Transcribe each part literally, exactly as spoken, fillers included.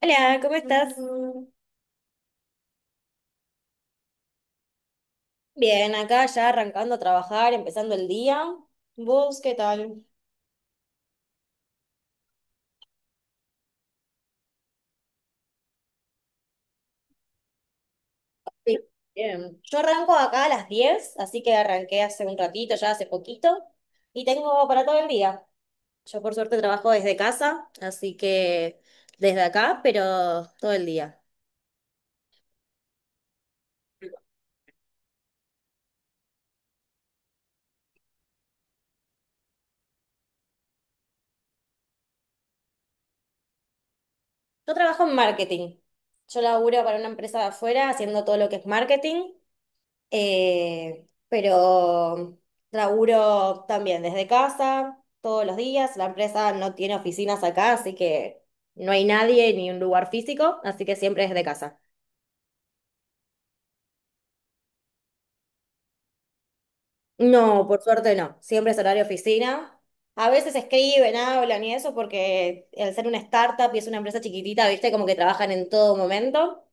Hola, ¿cómo estás? Hola. Bien, acá ya arrancando a trabajar, empezando el día. ¿Vos qué tal? Sí. Bien. Yo arranco acá a las diez, así que arranqué hace un ratito, ya hace poquito, y tengo para todo el día. Yo por suerte trabajo desde casa, así que desde acá, pero todo el día. Yo trabajo en marketing. Yo laburo para una empresa de afuera haciendo todo lo que es marketing. Eh, pero laburo también desde casa, todos los días. La empresa no tiene oficinas acá, así que no hay nadie ni un lugar físico, así que siempre desde casa. No, por suerte no, siempre es horario oficina. A veces escriben, hablan y eso, porque al ser una startup y es una empresa chiquitita, viste, como que trabajan en todo momento.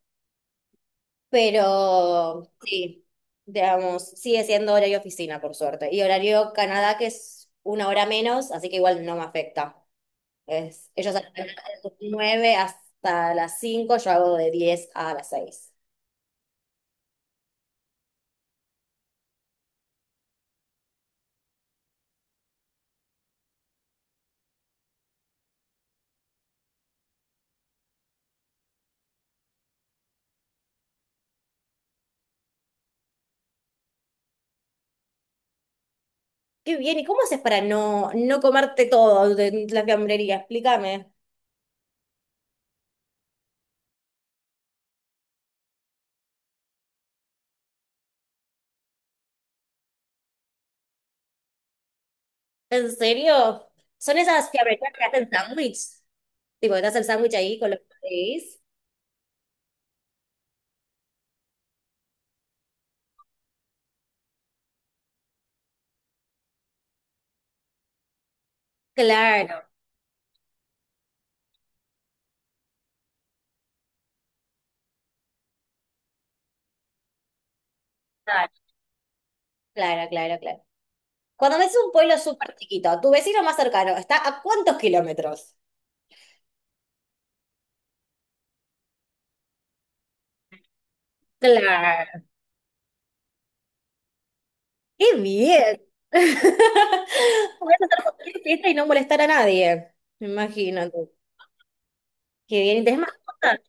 Pero sí, digamos, sigue siendo horario oficina, por suerte. Y horario Canadá, que es una hora menos, así que igual no me afecta. Es, ellos arrancan de nueve hasta las cinco. Yo hago de diez a las seis. Qué bien, ¿y cómo haces para no, no comerte todo de la fiambrería? Explícame. ¿En serio? ¿Son esas fiambrerías que hacen sándwich? Tipo, ¿que te hacen el sándwich ahí con los que pedís? Claro, claro, claro, claro, claro. Cuando me haces un pueblo súper chiquito, tu vecino más cercano, ¿está a cuántos kilómetros? Claro. ¡Qué bien! Podés hacer cualquier fiesta y no molestar a nadie. Me imagino. Qué bien. ¿Y tenés mascotas?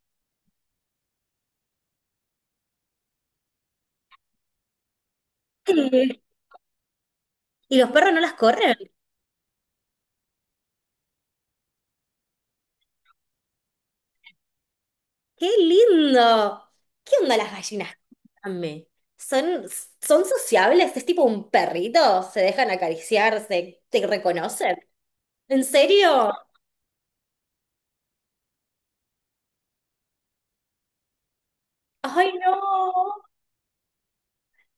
Sí. ¿Y los perros no las corren? ¡Qué lindo! ¿Qué onda las gallinas? Contame. ¿Son, son sociables? ¿Es tipo un perrito? ¿Se dejan acariciar? ¿Se, te reconocen? ¿En serio? ¡Ay, no!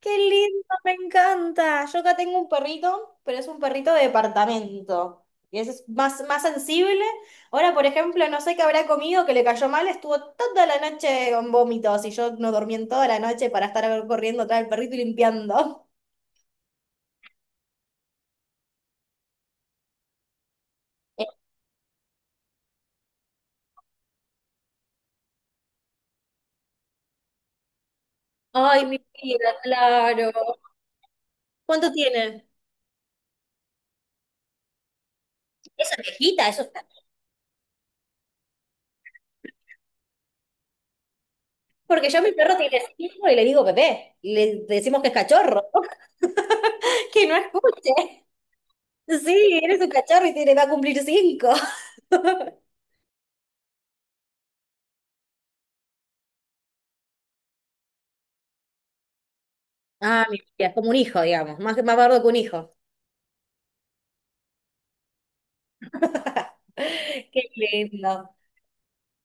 Qué lindo, me encanta. Yo acá tengo un perrito, pero es un perrito de departamento. Y ese es más, más sensible. Ahora, por ejemplo, no sé qué habrá comido que le cayó mal, estuvo toda la noche con vómitos y yo no dormí en toda la noche para estar corriendo atrás del perrito y limpiando. Ay, mi vida, claro. ¿Cuánto tiene? Esa viejita, eso está. Porque yo a mi perro tiene cinco y le digo bebé. Y le decimos que es cachorro. Que no escuche. Sí, eres un cachorro y tiene, va a cumplir cinco. Ah, mi tía, es como un hijo, digamos, más, más bardo que un hijo. Qué lindo.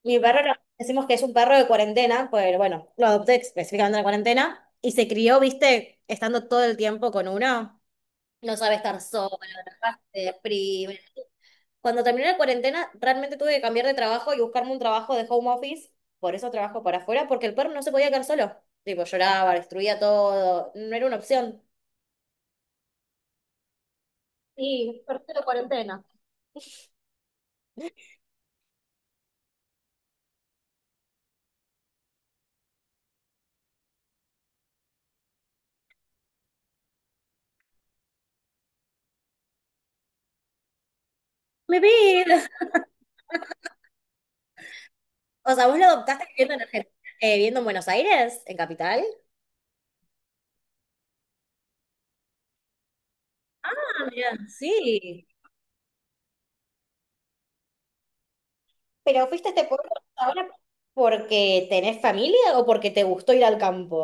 Mi perro, no- decimos que es un perro de cuarentena, pues bueno, lo adopté específicamente en la cuarentena y se crió, viste, estando todo el tiempo con uno. No sabe estar solo, te deprime. Cuando terminé la cuarentena, realmente tuve que cambiar de trabajo y buscarme un trabajo de home office. Por eso trabajo para afuera, porque el perro no se podía quedar solo. Tipo, lloraba, destruía todo. No era una opción. Sí, perfecto cuarentena. Mi vida. O sea, ¿vos lo adoptaste viviendo en Argentina, eh, viviendo en Buenos Aires, en Capital? Ah, mirá, sí. ¿Pero fuiste a este pueblo ahora porque tenés familia o porque te gustó ir al campo?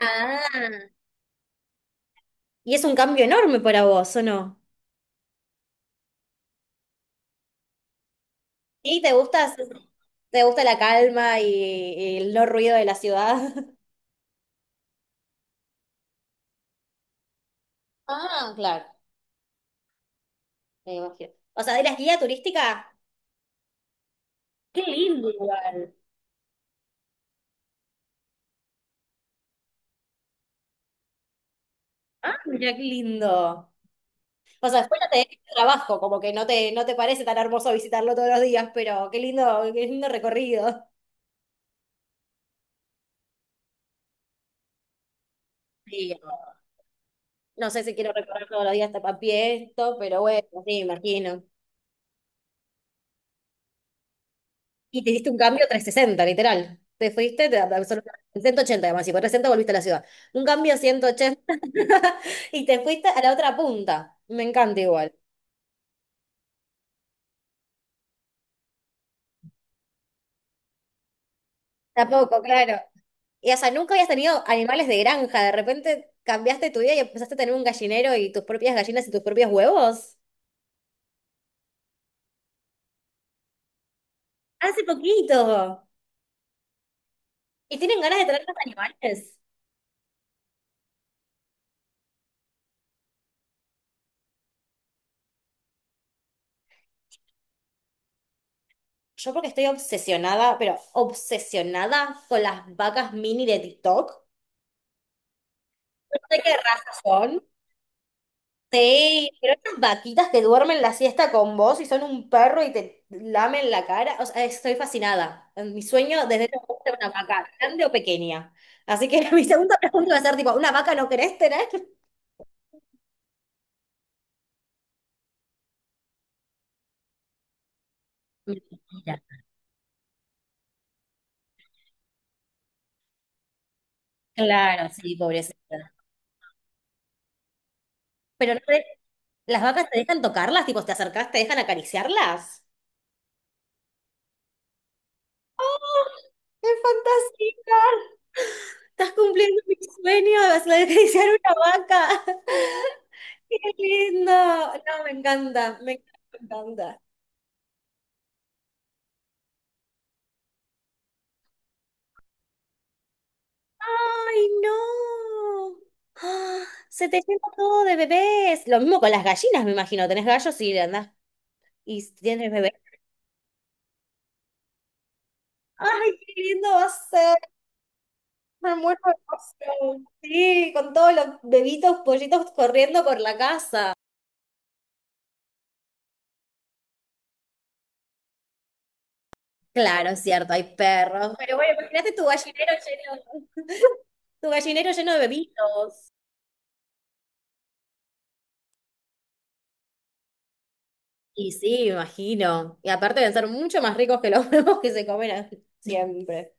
Ah. ¿Y es un cambio enorme para vos, o no? Sí, te gusta, te gusta la calma y, y el no ruido de la ciudad. Ah, claro. Me imagino. O sea, de las guías turísticas, qué lindo igual. Ah, mira qué lindo. O sea, después no te deja trabajo, como que no te, no te parece tan hermoso visitarlo todos los días, pero qué lindo, qué lindo recorrido. Sí, no no sé si quiero recorrer todos los días hasta Papié esto, pero bueno, sí, imagino. Y te hiciste un cambio trescientos sesenta literal. Te fuiste, te absolutamente ciento ochenta además, y por trescientos sesenta volviste a la ciudad. Un cambio ciento ochenta. Y te fuiste a la otra punta. Me encanta igual. Tampoco, claro. Y o sea, nunca habías tenido animales de granja, de repente cambiaste tu vida y empezaste a tener un gallinero y tus propias gallinas y tus propios huevos. Hace poquito. ¿Y tienen ganas de tener los animales? Yo porque estoy obsesionada, pero obsesionada con las vacas mini de TikTok. No sé qué raza son. Sí, pero estas vaquitas que duermen la siesta con vos y son un perro y te lamen la cara. O sea, estoy fascinada. Mi sueño desde que era una vaca, grande o pequeña. Así que mi segunda pregunta va a ser tipo, ¿una vaca no querés tener? Mentira. Claro, sí, pobrecita. Pero no te- las vacas te dejan tocarlas, tipo, te acercás, te dejan acariciarlas. ¡Oh! ¡Qué fantasía! Estás cumpliendo mi sueño, vas a acariciar una vaca. ¡Qué lindo! No, me encanta, me encanta, me encanta. ¡Ay, no! ¡Ah! Se te llena todo de bebés. Lo mismo con las gallinas, me imagino. Tenés gallos y andás y tienes bebés. ¡Ay, qué lindo va a ser! Me muero de emoción. Sí, con todos los bebitos, pollitos corriendo por la casa. Claro, es cierto, hay perros. Pero bueno, imagínate tu gallinero lleno, tu gallinero lleno de bebitos. Y sí, me imagino. Y aparte deben ser mucho más ricos que los huevos que se comen a- siempre.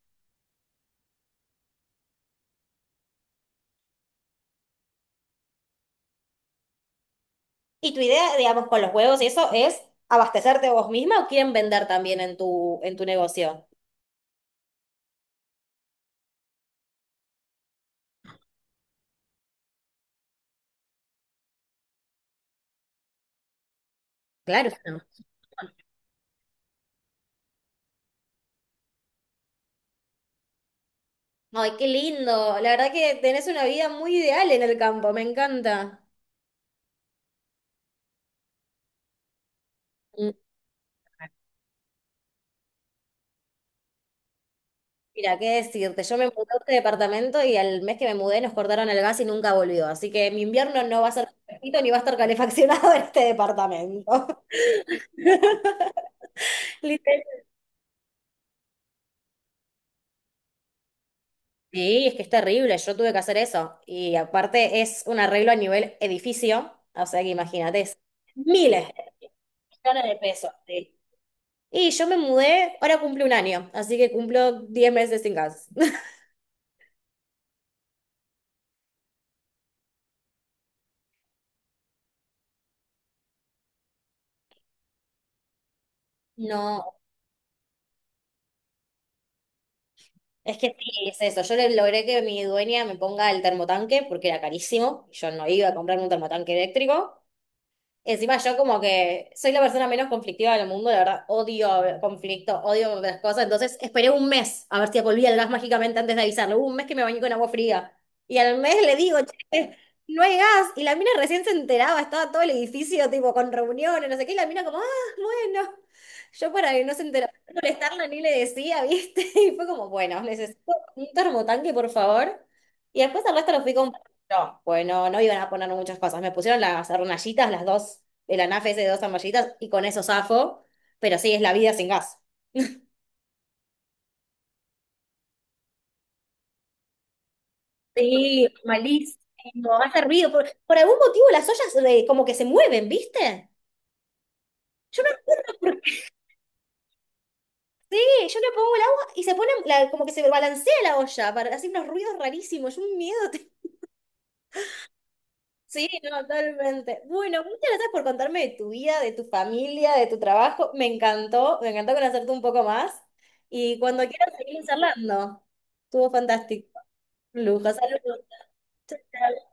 ¿Y tu idea, digamos, con los huevos y eso es abastecerte vos misma o quieren vender también en tu, en tu negocio? Claro, es una. Ay, qué lindo. La verdad que tenés una vida muy ideal en el campo, me encanta. Mira, qué decirte, yo me mudé a este departamento y al mes que me mudé nos cortaron el gas y nunca volvió. Así que mi invierno no va a ser perfecto ni va a estar calefaccionado en este departamento. Literal. Sí, es que es terrible, yo tuve que hacer eso. Y aparte es un arreglo a nivel edificio, o sea que imagínate, es miles de millones de pesos. Sí. Y yo me mudé, ahora cumple un año, así que cumplo diez meses sin gas. No. Es que sí, es eso. Yo le- logré que mi dueña me ponga el termotanque porque era carísimo. Yo no iba a comprarme un termotanque eléctrico. Encima yo como que soy la persona menos conflictiva del mundo, la verdad, odio conflicto, odio las cosas, entonces esperé un mes a ver si volvía el gas mágicamente antes de avisarle. Hubo un mes que me bañé con agua fría y al mes le digo, che, no hay gas y la mina recién se enteraba, estaba todo el edificio tipo con reuniones, no sé qué, y la mina como, ah, bueno, yo para que no se enterara, no molestarla ni le decía, ¿viste? Y fue como, bueno, necesito un termotanque, por favor. Y después al resto lo fui no, bueno, no no iban a poner muchas cosas. Me pusieron las hornallitas, las dos, el anafe ese de dos arnallitas, y con eso zafo. Pero sí, es la vida sin gas. Sí, malísimo, hace ruido. Por, Por algún motivo las ollas eh, como que se mueven, ¿viste? Yo no sé por qué. Yo le pongo el agua y se pone la- como que se balancea la olla para hacer unos ruidos rarísimos. Es un miedo. Sí, no, totalmente. Bueno, muchas gracias por contarme de tu vida, de tu familia, de tu trabajo. Me encantó. Me encantó conocerte un poco más. Y cuando quieras seguir charlando, estuvo fantástico. Lujo, saludos. Chao, chao.